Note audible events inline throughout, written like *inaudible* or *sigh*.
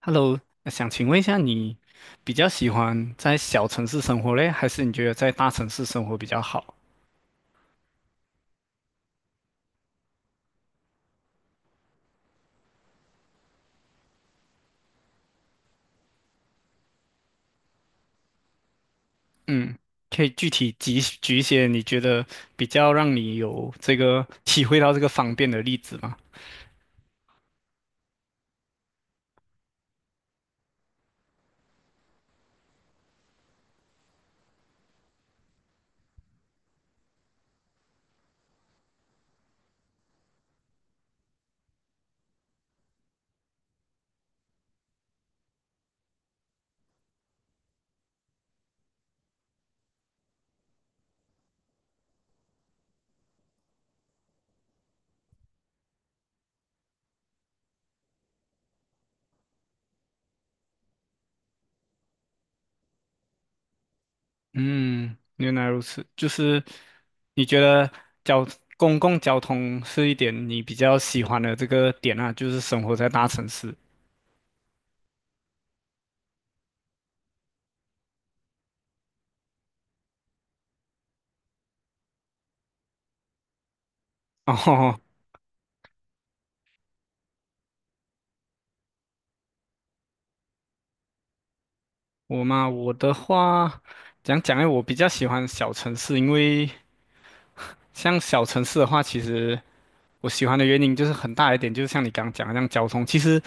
Hello，想请问一下，你比较喜欢在小城市生活嘞，还是你觉得在大城市生活比较好？嗯，可以具体举举一些你觉得比较让你有这个体会到这个方便的例子吗？嗯，原来如此，就是你觉得交公共交通是一点你比较喜欢的这个点啊，就是生活在大城市。哦，我嘛，我的话，讲讲诶，我比较喜欢小城市，因为像小城市的话，其实我喜欢的原因就是很大一点，就是像你刚刚讲的，样交通，其实，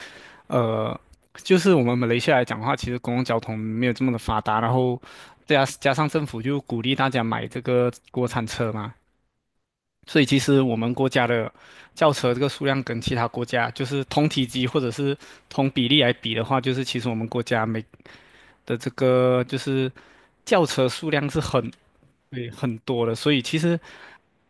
呃，就是我们马来西亚来讲的话，其实公共交通没有这么的发达，然后再加上政府就鼓励大家买这个国产车嘛，所以其实我们国家的轿车这个数量跟其他国家就是同体积或者是同比例来比的话，就是其实我们国家每的这个就是轿车数量是很对很多的，所以其实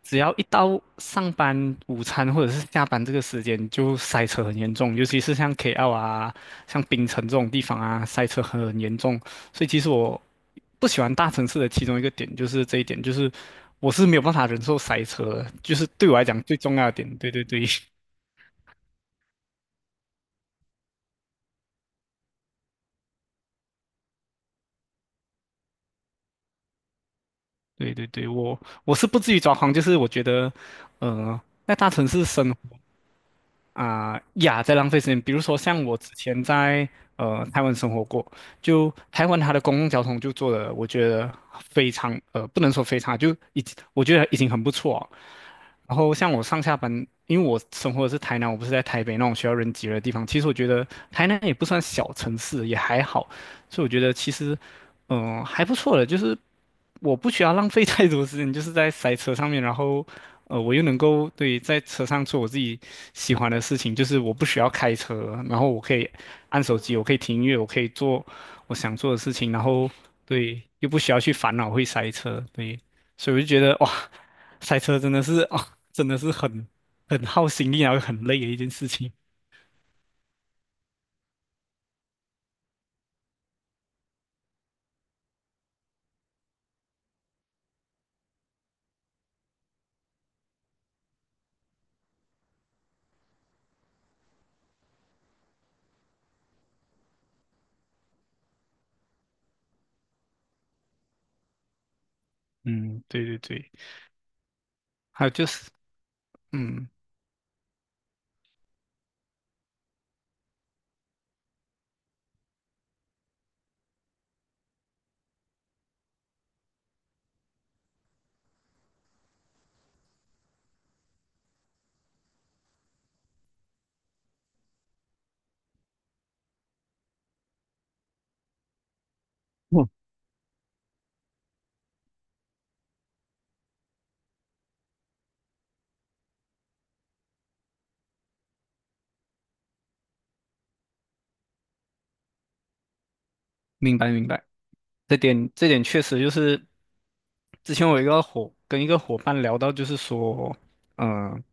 只要一到上班、午餐或者是下班这个时间，就塞车很严重，尤其是像 KL 啊、像槟城这种地方啊，塞车很严重。所以其实我不喜欢大城市的其中一个点就是这一点，就是我是没有办法忍受塞车的，就是对我来讲最重要的点。对对对。*laughs* 对对对，我是不至于抓狂，就是我觉得，呃，在大城市生啊、呀，在浪费时间。比如说，像我之前在台湾生活过，就台湾它的公共交通就做的，我觉得非常呃，不能说非常，就已经我觉得已经很不错哦然后像我上下班，因为我生活的是台南，我不是在台北那种需要人挤人的地方。其实我觉得台南也不算小城市，也还好，所以我觉得其实还不错的，就是我不需要浪费太多时间，就是在塞车上面，然后，我又能够对在车上做我自己喜欢的事情，就是我不需要开车，然后我可以按手机，我可以听音乐，我可以做我想做的事情，然后对，又不需要去烦恼会塞车，对，所以我就觉得哇，塞车真的是啊，真的是很耗心力，然后很累的一件事情。嗯，对对对，还有就是，嗯，嗯明白明白。这点这点确实就是，之前我一个跟一个伙伴聊到，就是说，嗯、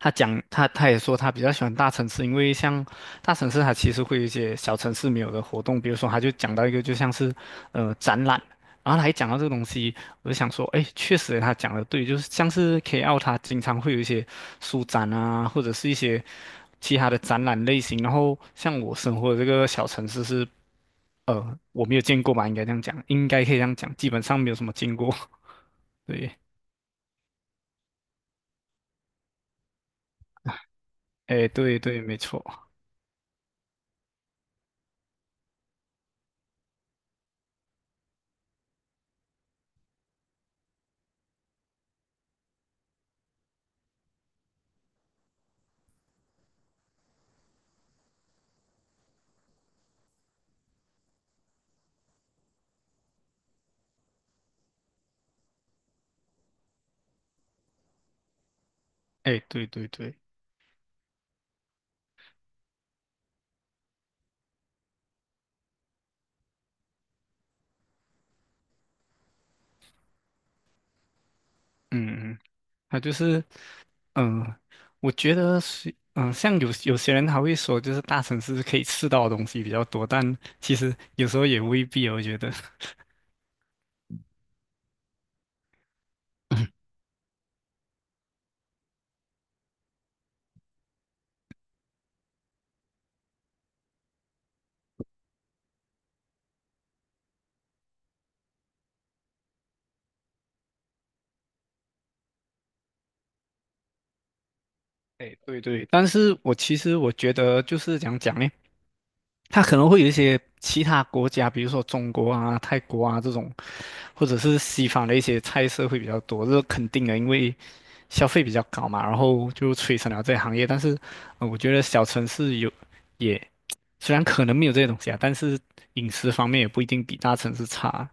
他讲他也说他比较喜欢大城市，因为像大城市它其实会有一些小城市没有的活动，比如说他就讲到一个就像是展览，然后他一讲到这个东西，我就想说，哎，确实他讲的对，就是像是 KL 它经常会有一些书展啊，或者是一些其他的展览类型，然后像我生活的这个小城市是我没有见过吧，应该这样讲，应该可以这样讲，基本上没有什么见过。*laughs* 对，哎，对对，没错，哎，对对对，嗯嗯，他就是，嗯、我觉得是，像有些人他会说，就是大城市可以吃到的东西比较多，但其实有时候也未必哦，我觉得。*laughs* 哎，对对，但是我其实我觉得就是讲讲呢，它可能会有一些其他国家，比如说中国啊、泰国啊这种，或者是西方的一些菜色会比较多，这是肯定的，因为消费比较高嘛，然后就催生了这个行业。但是，我觉得小城市也虽然可能没有这些东西啊，但是饮食方面也不一定比大城市差。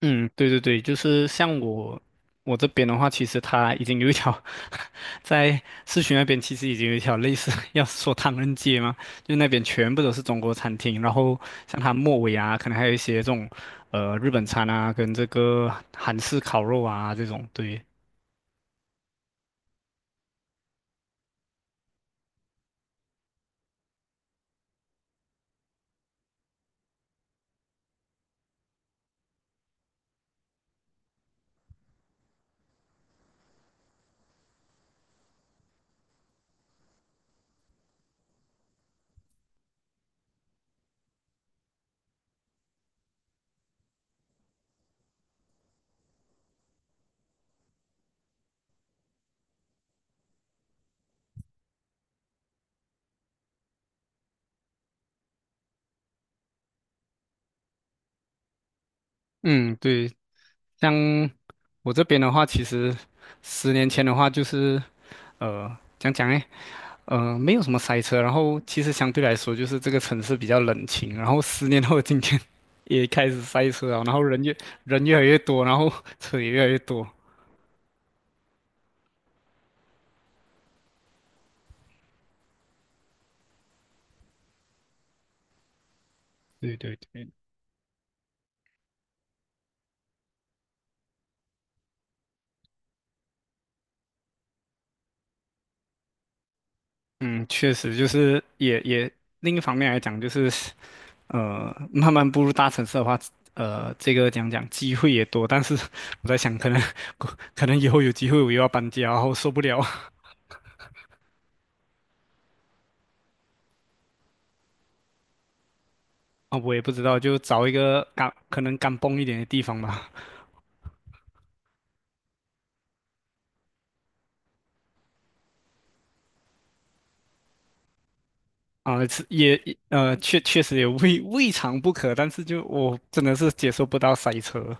嗯，对对对，就是像我我这边的话，其实它已经有一条 *laughs* 在市区那边其实已经有一条类似 *laughs* 要说唐人街嘛，*laughs* 就那边全部都是中国餐厅，然后像它末尾啊，可能还有一些这种日本餐啊，跟这个韩式烤肉啊这种。对，嗯，对，像我这边的话，其实10年前的话就是讲讲呢。没有什么塞车，然后其实相对来说，就是这个城市比较冷清。然后10年后的今天 *laughs* 也开始塞车了，然后人越来越多，然后车也越来越多。对对对，嗯，确实就是也另一方面来讲，就是慢慢步入大城市的话，这个讲讲机会也多，但是我在想，可能 *laughs* 可能以后有机会我又要搬家，然后受不了 *laughs* 啊，我也不知道，就找一个干可能干蹦一点的地方吧。啊，确实也未尝不可，但是就我真的是接受不到塞车。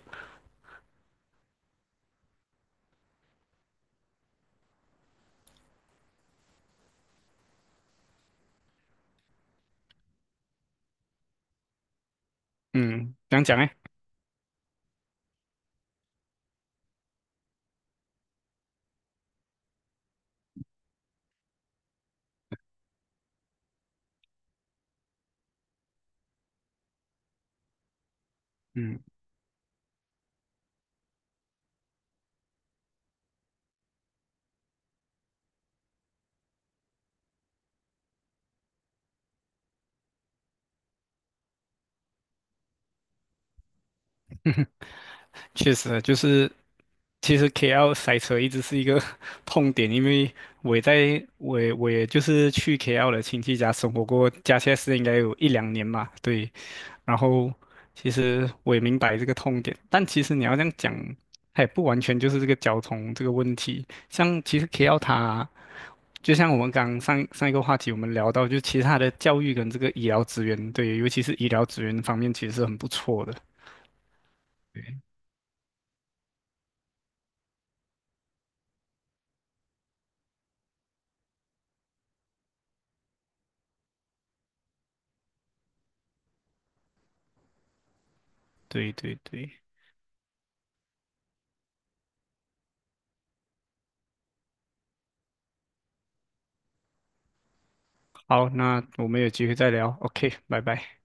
嗯，怎样讲呢？嗯，*laughs* 确实就是，其实 KL 塞车一直是一个 *laughs* 痛点，因为我也就是去 KL 的亲戚家生活过，加起来是应该有一两年嘛，对。然后其实我也明白这个痛点，但其实你要这样讲，它也不完全就是这个交通这个问题。像其实 KL 它。就像我们刚上一个话题，我们聊到，就其他的教育跟这个医疗资源，对，尤其是医疗资源方面，其实是很不错的。对对对对，好，那我们有机会再聊。OK，拜拜。